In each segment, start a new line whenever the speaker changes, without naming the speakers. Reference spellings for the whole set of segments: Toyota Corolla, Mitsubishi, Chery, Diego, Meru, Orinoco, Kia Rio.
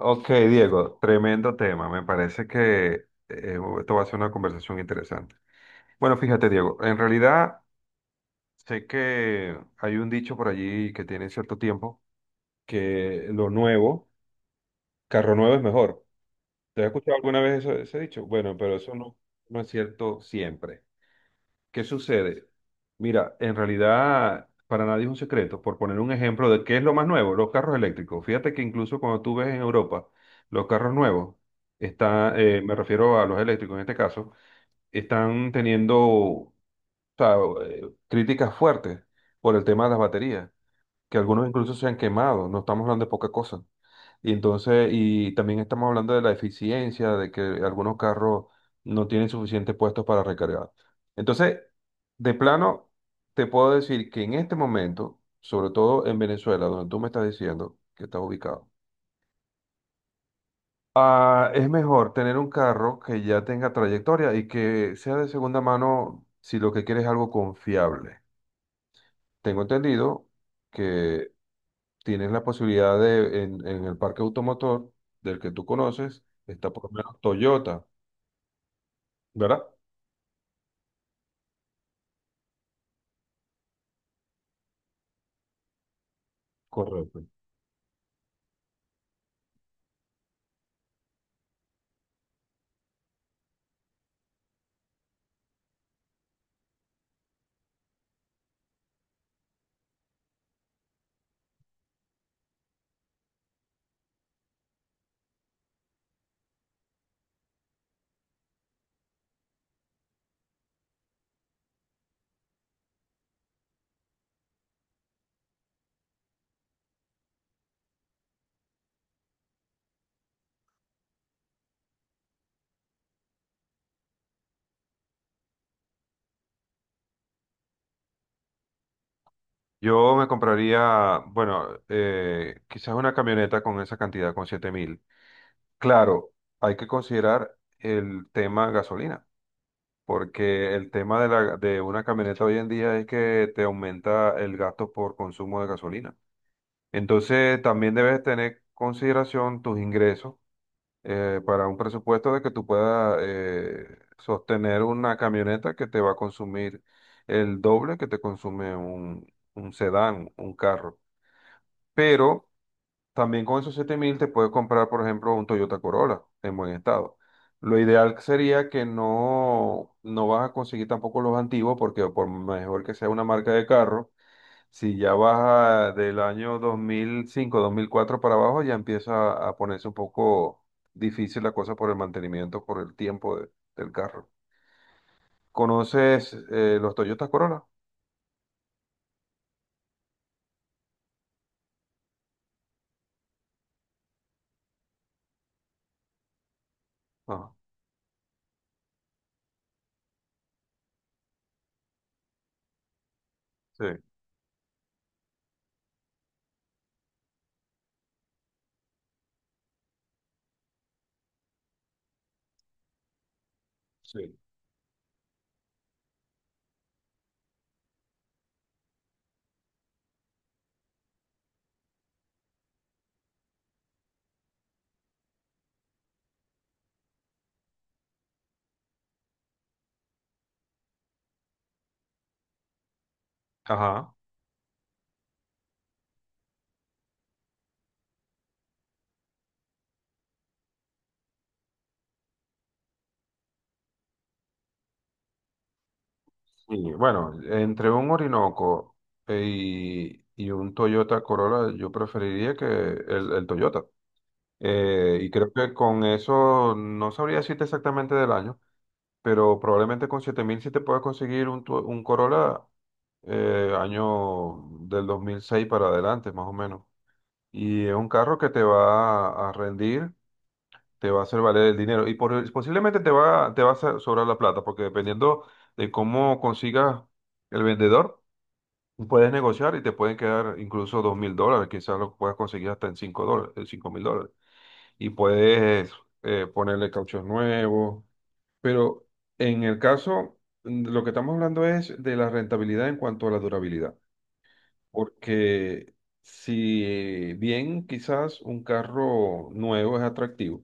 Ok, Diego, tremendo tema. Me parece que esto va a ser una conversación interesante. Bueno, fíjate, Diego, en realidad sé que hay un dicho por allí que tiene cierto tiempo, que lo nuevo, carro nuevo es mejor. ¿Te has escuchado alguna vez ese dicho? Bueno, pero eso no es cierto siempre. ¿Qué sucede? Mira, en realidad para nadie es un secreto. Por poner un ejemplo de qué es lo más nuevo, los carros eléctricos. Fíjate que incluso cuando tú ves en Europa los carros nuevos, me refiero a los eléctricos en este caso, están teniendo o sea, críticas fuertes por el tema de las baterías, que algunos incluso se han quemado. No estamos hablando de poca cosa. Y entonces, y también estamos hablando de la eficiencia, de que algunos carros no tienen suficientes puestos para recargar. Entonces, de plano, te puedo decir que en este momento, sobre todo en Venezuela, donde tú me estás diciendo que estás ubicado, es mejor tener un carro que ya tenga trayectoria y que sea de segunda mano si lo que quieres es algo confiable. Tengo entendido que tienes la posibilidad de en el parque automotor del que tú conoces, está por lo menos Toyota, ¿verdad? Correcto. Yo me compraría, bueno, quizás una camioneta con esa cantidad, con 7.000. Claro, hay que considerar el tema gasolina, porque el tema de una camioneta hoy en día es que te aumenta el gasto por consumo de gasolina. Entonces, también debes tener consideración tus ingresos para un presupuesto de que tú puedas sostener una camioneta que te va a consumir el doble que te consume un sedán, un carro. Pero también con esos 7.000 te puedes comprar, por ejemplo, un Toyota Corolla en buen estado. Lo ideal sería que no vas a conseguir tampoco los antiguos, porque por mejor que sea una marca de carro, si ya baja del año dos mil cinco dos mil cuatro para abajo, ya empieza a ponerse un poco difícil la cosa por el mantenimiento, por el tiempo del carro. ¿Conoces los Toyota Corolla? Ah, sí, sí. Ajá. Sí, bueno, entre un Orinoco y un Toyota Corolla, yo preferiría el Toyota. Y creo que con eso no sabría decirte exactamente del año, pero probablemente con 7.000 sí te puedas conseguir un, un Corolla año del 2006 para adelante, más o menos. Y es un carro que te va a rendir, te va a hacer valer el dinero y posiblemente te va a sobrar la plata, porque dependiendo de cómo consigas el vendedor, puedes negociar y te pueden quedar incluso 2.000 dólares, quizás lo puedas conseguir hasta en 5 dólares, 5.000 dólares. Y puedes ponerle cauchos nuevos, pero en el caso, lo que estamos hablando es de la rentabilidad en cuanto a la durabilidad, porque si bien quizás un carro nuevo es atractivo,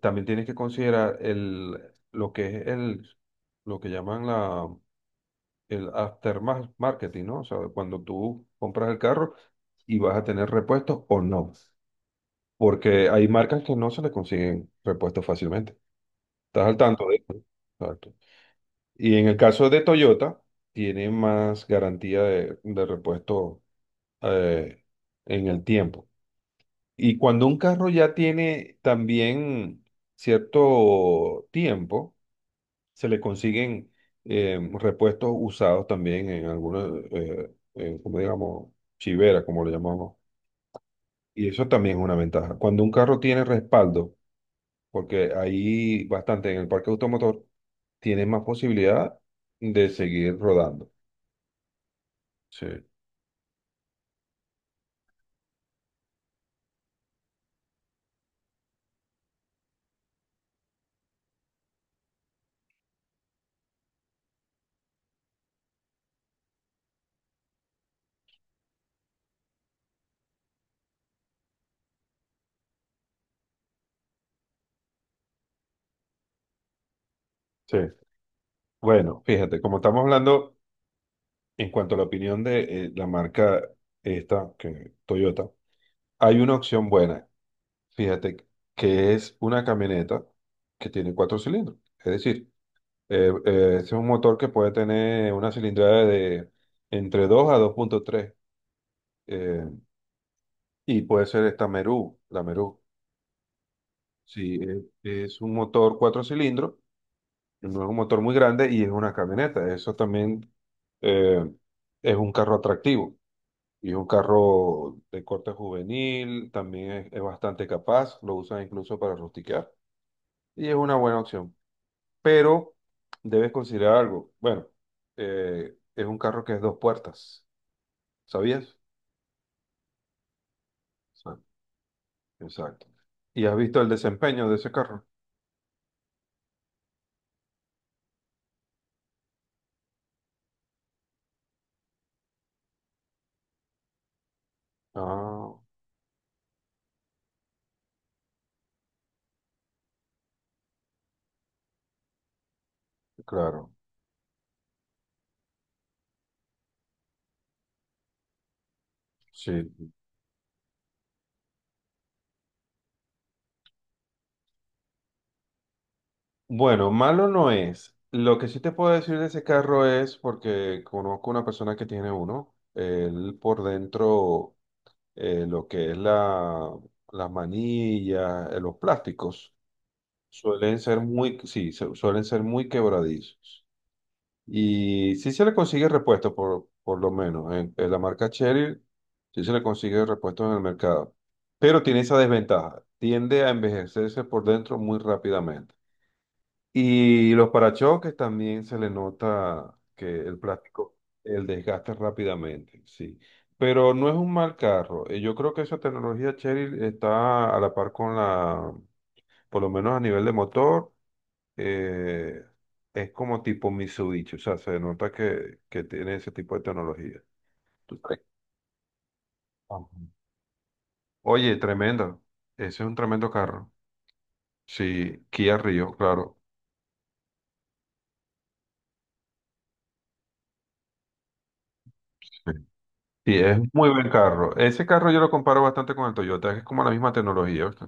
también tienes que considerar lo que es lo que llaman el aftermarketing, ¿no? O sea, cuando tú compras el carro y vas a tener repuestos o no, porque hay marcas que no se le consiguen repuestos fácilmente. ¿Estás al tanto de eso, no? Exacto. Y en el caso de Toyota, tiene más garantía de repuesto eh, en el tiempo. Y cuando un carro ya tiene también cierto tiempo, se le consiguen repuestos usados también en algunos, como digamos, chivera, como lo llamamos. Y eso también es una ventaja. Cuando un carro tiene respaldo, porque ahí bastante en el parque automotor, tiene más posibilidad de seguir rodando. Sí. Sí. Bueno, fíjate, como estamos hablando en cuanto a la opinión de la marca esta, que Toyota, hay una opción buena. Fíjate que es una camioneta que tiene cuatro cilindros. Es decir, es un motor que puede tener una cilindrada de entre 2 a 2.3. eh, y puede ser esta Meru, la Meru. Sí, es un motor cuatro cilindros. No es un motor muy grande y es una camioneta. Eso también eh, es un carro atractivo y es un carro de corte juvenil, también es bastante capaz, lo usan incluso para rustiquear y es una buena opción. Pero debes considerar algo. Bueno, es un carro que es dos puertas, ¿sabías? Exacto. Exacto. ¿Y has visto el desempeño de ese carro? Ah, claro, sí. Bueno, malo no es. Lo que sí te puedo decir de ese carro es porque conozco una persona que tiene uno. Él por dentro, lo que es las manillas, los plásticos, sí, suelen ser muy quebradizos. Y sí se le consigue repuesto, por lo menos. En la marca Chery, sí se le consigue repuesto en el mercado. Pero tiene esa desventaja. Tiende a envejecerse por dentro muy rápidamente. Y los parachoques también se le nota que el plástico, el desgaste rápidamente, sí. Pero no es un mal carro. Yo creo que esa tecnología Chery está a la par con la, por lo menos a nivel de motor, eh, es como tipo Mitsubishi. O sea, se nota que tiene ese tipo de tecnología. ¿Tú crees? Ajá. Oye, tremendo. Ese es un tremendo carro. Sí, Kia Rio, claro. Sí, es muy buen carro. Ese carro yo lo comparo bastante con el Toyota, que es como la misma tecnología, ¿viste?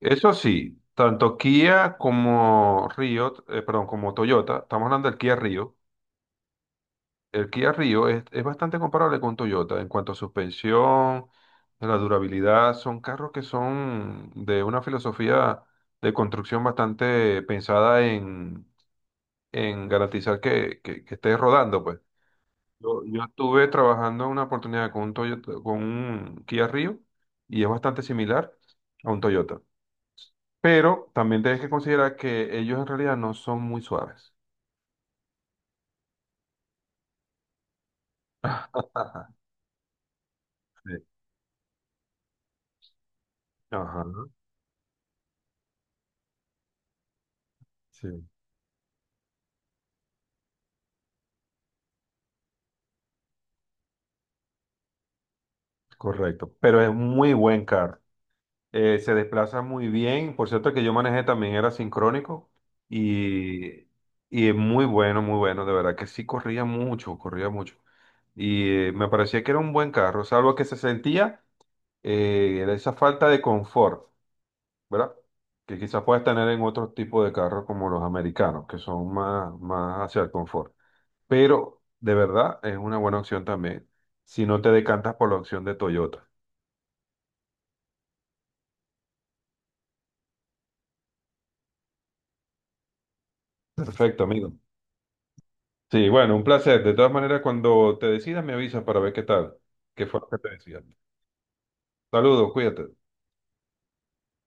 Eso sí, tanto Kia como Rio, perdón, como Toyota, estamos hablando del Kia Rio. El Kia Rio es bastante comparable con Toyota en cuanto a suspensión, la durabilidad. Son carros que son de una filosofía de construcción bastante pensada en garantizar que estés rodando, pues. Yo estuve trabajando en una oportunidad con un Toyota, con un Kia Rio y es bastante similar a un Toyota. Pero también tienes que considerar que ellos en realidad no son muy suaves. Ajá, sí. Ajá, sí, correcto. Pero es muy buen carro. Se desplaza muy bien. Por cierto, el que yo manejé también era sincrónico y, y es muy bueno, muy bueno. De verdad que sí corría mucho, corría mucho. Y me parecía que era un buen carro, salvo que se sentía esa falta de confort, ¿verdad? Que quizás puedas tener en otro tipo de carros como los americanos, que son más, más hacia el confort. Pero de verdad es una buena opción también si no te decantas por la opción de Toyota. Perfecto, amigo. Sí, bueno, un placer. De todas maneras, cuando te decidas, me avisas para ver qué tal, qué fue lo que te decían. Saludos, cuídate.